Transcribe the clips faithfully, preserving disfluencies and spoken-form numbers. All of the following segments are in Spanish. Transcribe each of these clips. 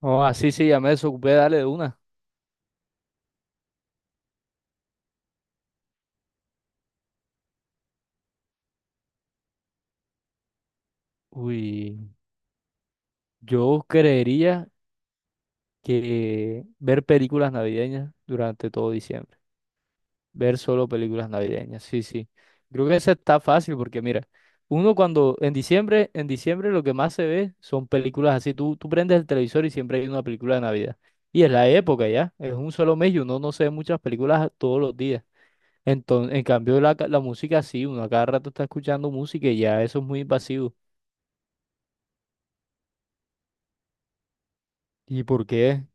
Oh, así sí, sí, ya me desocupé, dale de una. Uy, yo creería que ver películas navideñas durante todo diciembre. Ver solo películas navideñas, sí, sí. Creo que esa está fácil porque mira, uno cuando en diciembre, en diciembre lo que más se ve son películas así. Tú, tú prendes el televisor y siempre hay una película de Navidad. Y es la época ya, es un solo mes y uno no se ve muchas películas todos los días. Entonces, en cambio la, ca- la música sí, uno a cada rato está escuchando música y ya eso es muy invasivo. ¿Y por qué?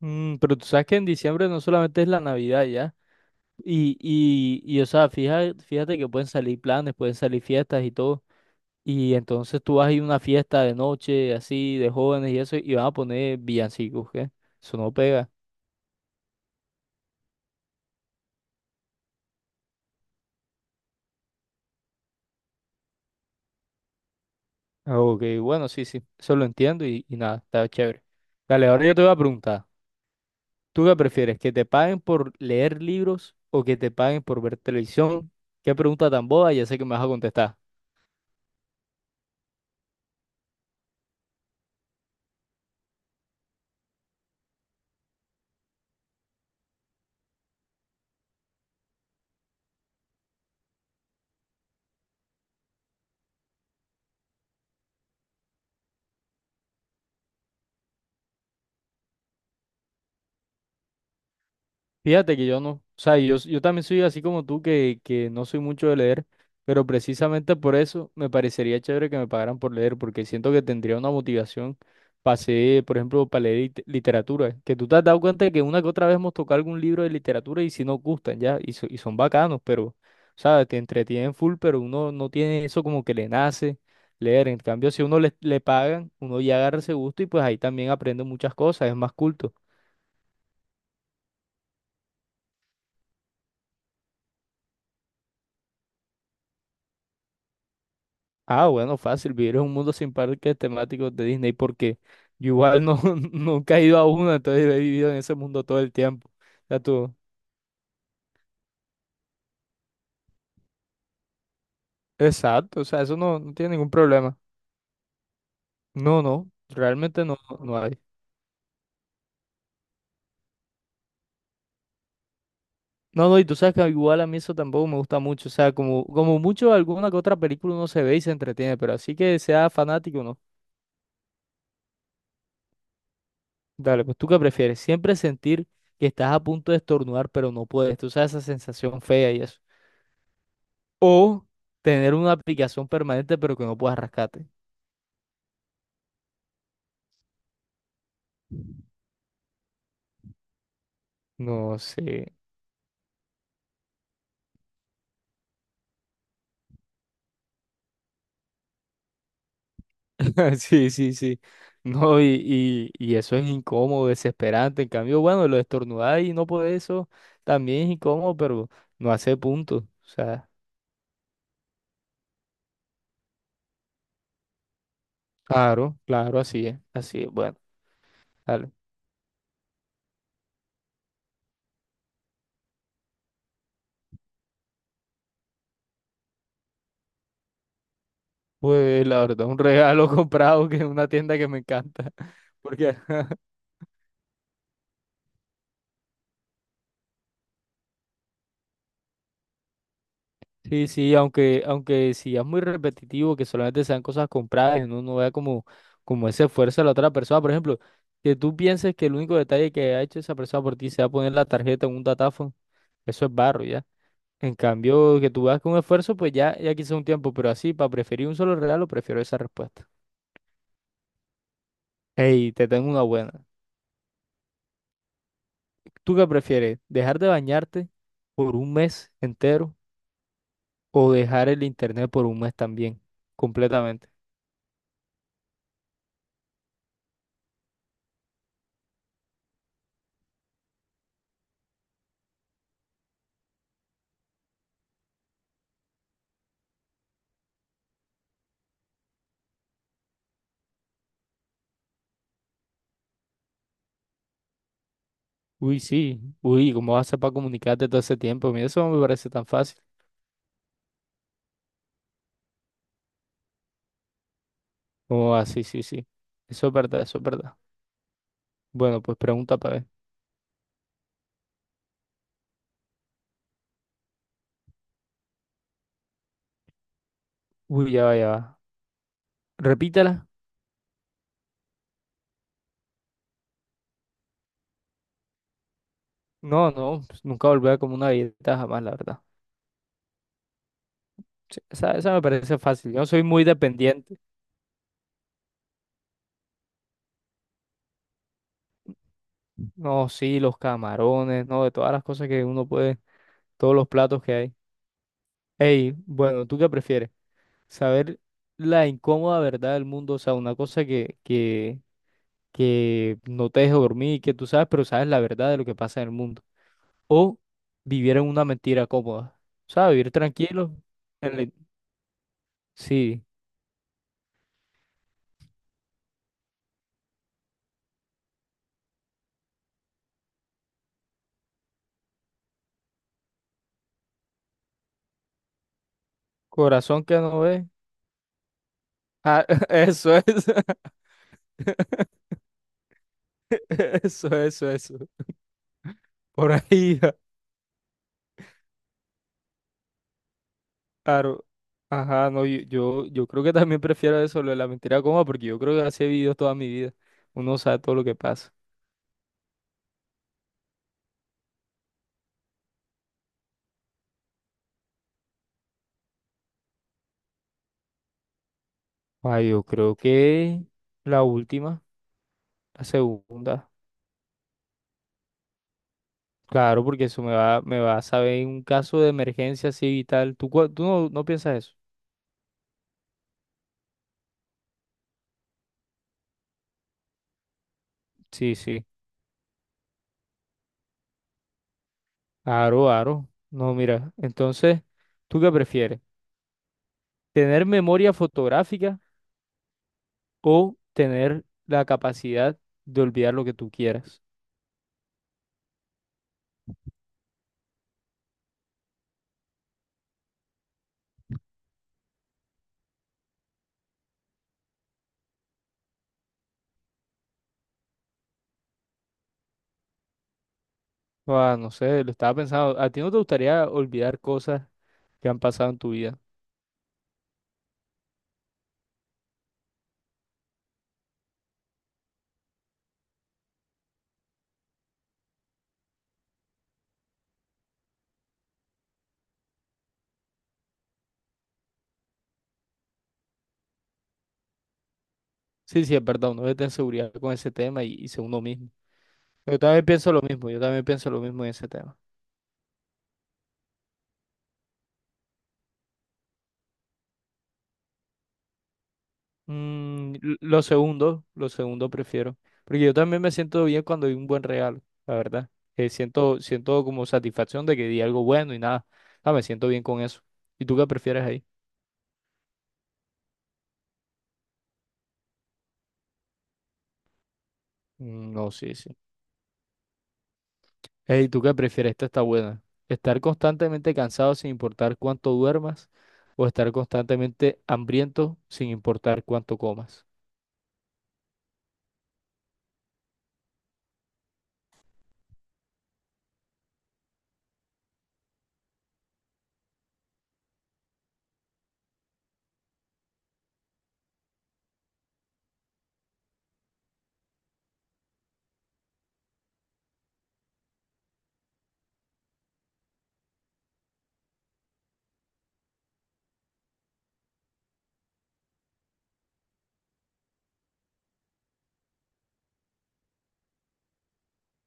Mm, pero tú sabes que en diciembre no solamente es la Navidad ya. Y, y, y o sea, fíjate, fíjate que pueden salir planes, pueden salir fiestas y todo. Y entonces tú vas a ir a una fiesta de noche, así, de jóvenes y eso, y van a poner villancicos, ¿qué? Eso no pega. Ah, ok, bueno, sí, sí, eso lo entiendo y, y nada, está chévere. Dale, ahora yo te voy a preguntar, ¿tú qué prefieres? ¿Que te paguen por leer libros o que te paguen por ver televisión? Qué pregunta tan boba, ya sé que me vas a contestar. Fíjate que yo no, o sea, yo, yo también soy así como tú, que, que no soy mucho de leer, pero precisamente por eso me parecería chévere que me pagaran por leer, porque siento que tendría una motivación. Para hacer, por ejemplo, para leer lit- literatura, que tú te has dado cuenta de que una que otra vez hemos tocado algún libro de literatura y si nos gustan ya, y, so- y son bacanos, pero, ¿sabes? Te entretienen full, pero uno no tiene eso como que le nace leer. En cambio, si uno le, le pagan, uno ya agarra ese gusto y pues ahí también aprende muchas cosas, es más culto. Ah, bueno, fácil, vivir en un mundo sin parques temáticos de Disney, porque yo igual no, nunca he ido a uno, entonces he vivido en ese mundo todo el tiempo. Ya tú. Exacto, o sea, eso no, no tiene ningún problema. No, no, realmente no, no hay. No, no, y tú sabes que igual a mí eso tampoco me gusta mucho, o sea, como, como mucho alguna que otra película uno se ve y se entretiene, pero así que sea fanático, no. Dale, pues tú qué prefieres, siempre sentir que estás a punto de estornudar, pero no puedes, tú sabes esa sensación fea y eso. O tener una aplicación permanente pero que no puedas rescate. No sé. Sí, sí, sí. No, y, y, y eso es incómodo, desesperante. En cambio, bueno, lo de estornudar y no poder eso también es incómodo, pero no hace punto. O sea, claro, claro, así es. Así es. Bueno, dale. Pues la verdad, un regalo comprado que en una tienda que me encanta. Porque sí, sí, aunque, aunque si es muy repetitivo, que solamente sean cosas compradas y uno no vea como, como ese esfuerzo de la otra persona. Por ejemplo, que tú pienses que el único detalle que ha hecho esa persona por ti sea poner la tarjeta en un datáfono, eso es barro, ¿ya? En cambio, que tú veas con esfuerzo, pues ya, ya quizá un tiempo, pero así, para preferir un solo regalo, prefiero esa respuesta. Hey, te tengo una buena. ¿Tú qué prefieres? ¿Dejar de bañarte por un mes entero o dejar el internet por un mes también, completamente? Uy, sí. Uy, ¿cómo vas a para comunicarte todo ese tiempo? Mira, eso no me parece tan fácil. Oh, ah, sí, sí, sí. Eso es verdad, eso es verdad. Bueno, pues pregunta para ver. Uy, ya va, ya va. Repítala. No, no, pues nunca volver como una dieta jamás, la verdad. Sí, esa, esa me parece fácil. Yo soy muy dependiente. No, sí, los camarones, no, de todas las cosas que uno puede, todos los platos que hay. Ey, bueno, ¿tú qué prefieres? Saber la incómoda verdad del mundo, o sea, una cosa que, que, que no te deje dormir, que tú sabes, pero sabes la verdad de lo que pasa en el mundo. O vivir en una mentira cómoda. ¿Sabes? Vivir tranquilo. en la- Sí, corazón que no ve. Ah, eso es. Eso, eso, eso. Por ahí, claro. Ajá, no, yo, yo, yo creo que también prefiero eso, lo de la mentira cómoda, porque yo creo que así he vivido toda mi vida. Uno sabe todo lo que pasa. Ah, yo creo que la última, la segunda. Claro, porque eso me va, me va a saber en un caso de emergencia así vital. Tú, cua- tú no, ¿no piensas eso? Sí, sí. Aro, aro. No, mira. Entonces, ¿tú qué prefieres? ¿Tener memoria fotográfica o tener la capacidad de olvidar lo que tú quieras? Ah, no sé, lo estaba pensando. ¿A ti no te gustaría olvidar cosas que han pasado en tu vida? Sí, sí, es verdad. Uno debe tener seguridad con ese tema y, y ser uno mismo. Yo también pienso lo mismo. Yo también pienso lo mismo en ese tema. Mm, l- lo segundo, lo segundo prefiero. Porque yo también me siento bien cuando hay un buen regalo, la verdad. Eh, siento, siento como satisfacción de que di algo bueno y nada. Ah, me siento bien con eso. ¿Y tú qué prefieres ahí? Mm, no, sí, sí. Ey, ¿tú qué prefieres? Esta está buena. ¿Estar constantemente cansado sin importar cuánto duermas? ¿O estar constantemente hambriento sin importar cuánto comas?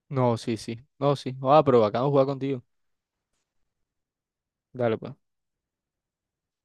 No, sí, sí. No, sí. Ah, pero bacano jugar contigo. Dale, pues.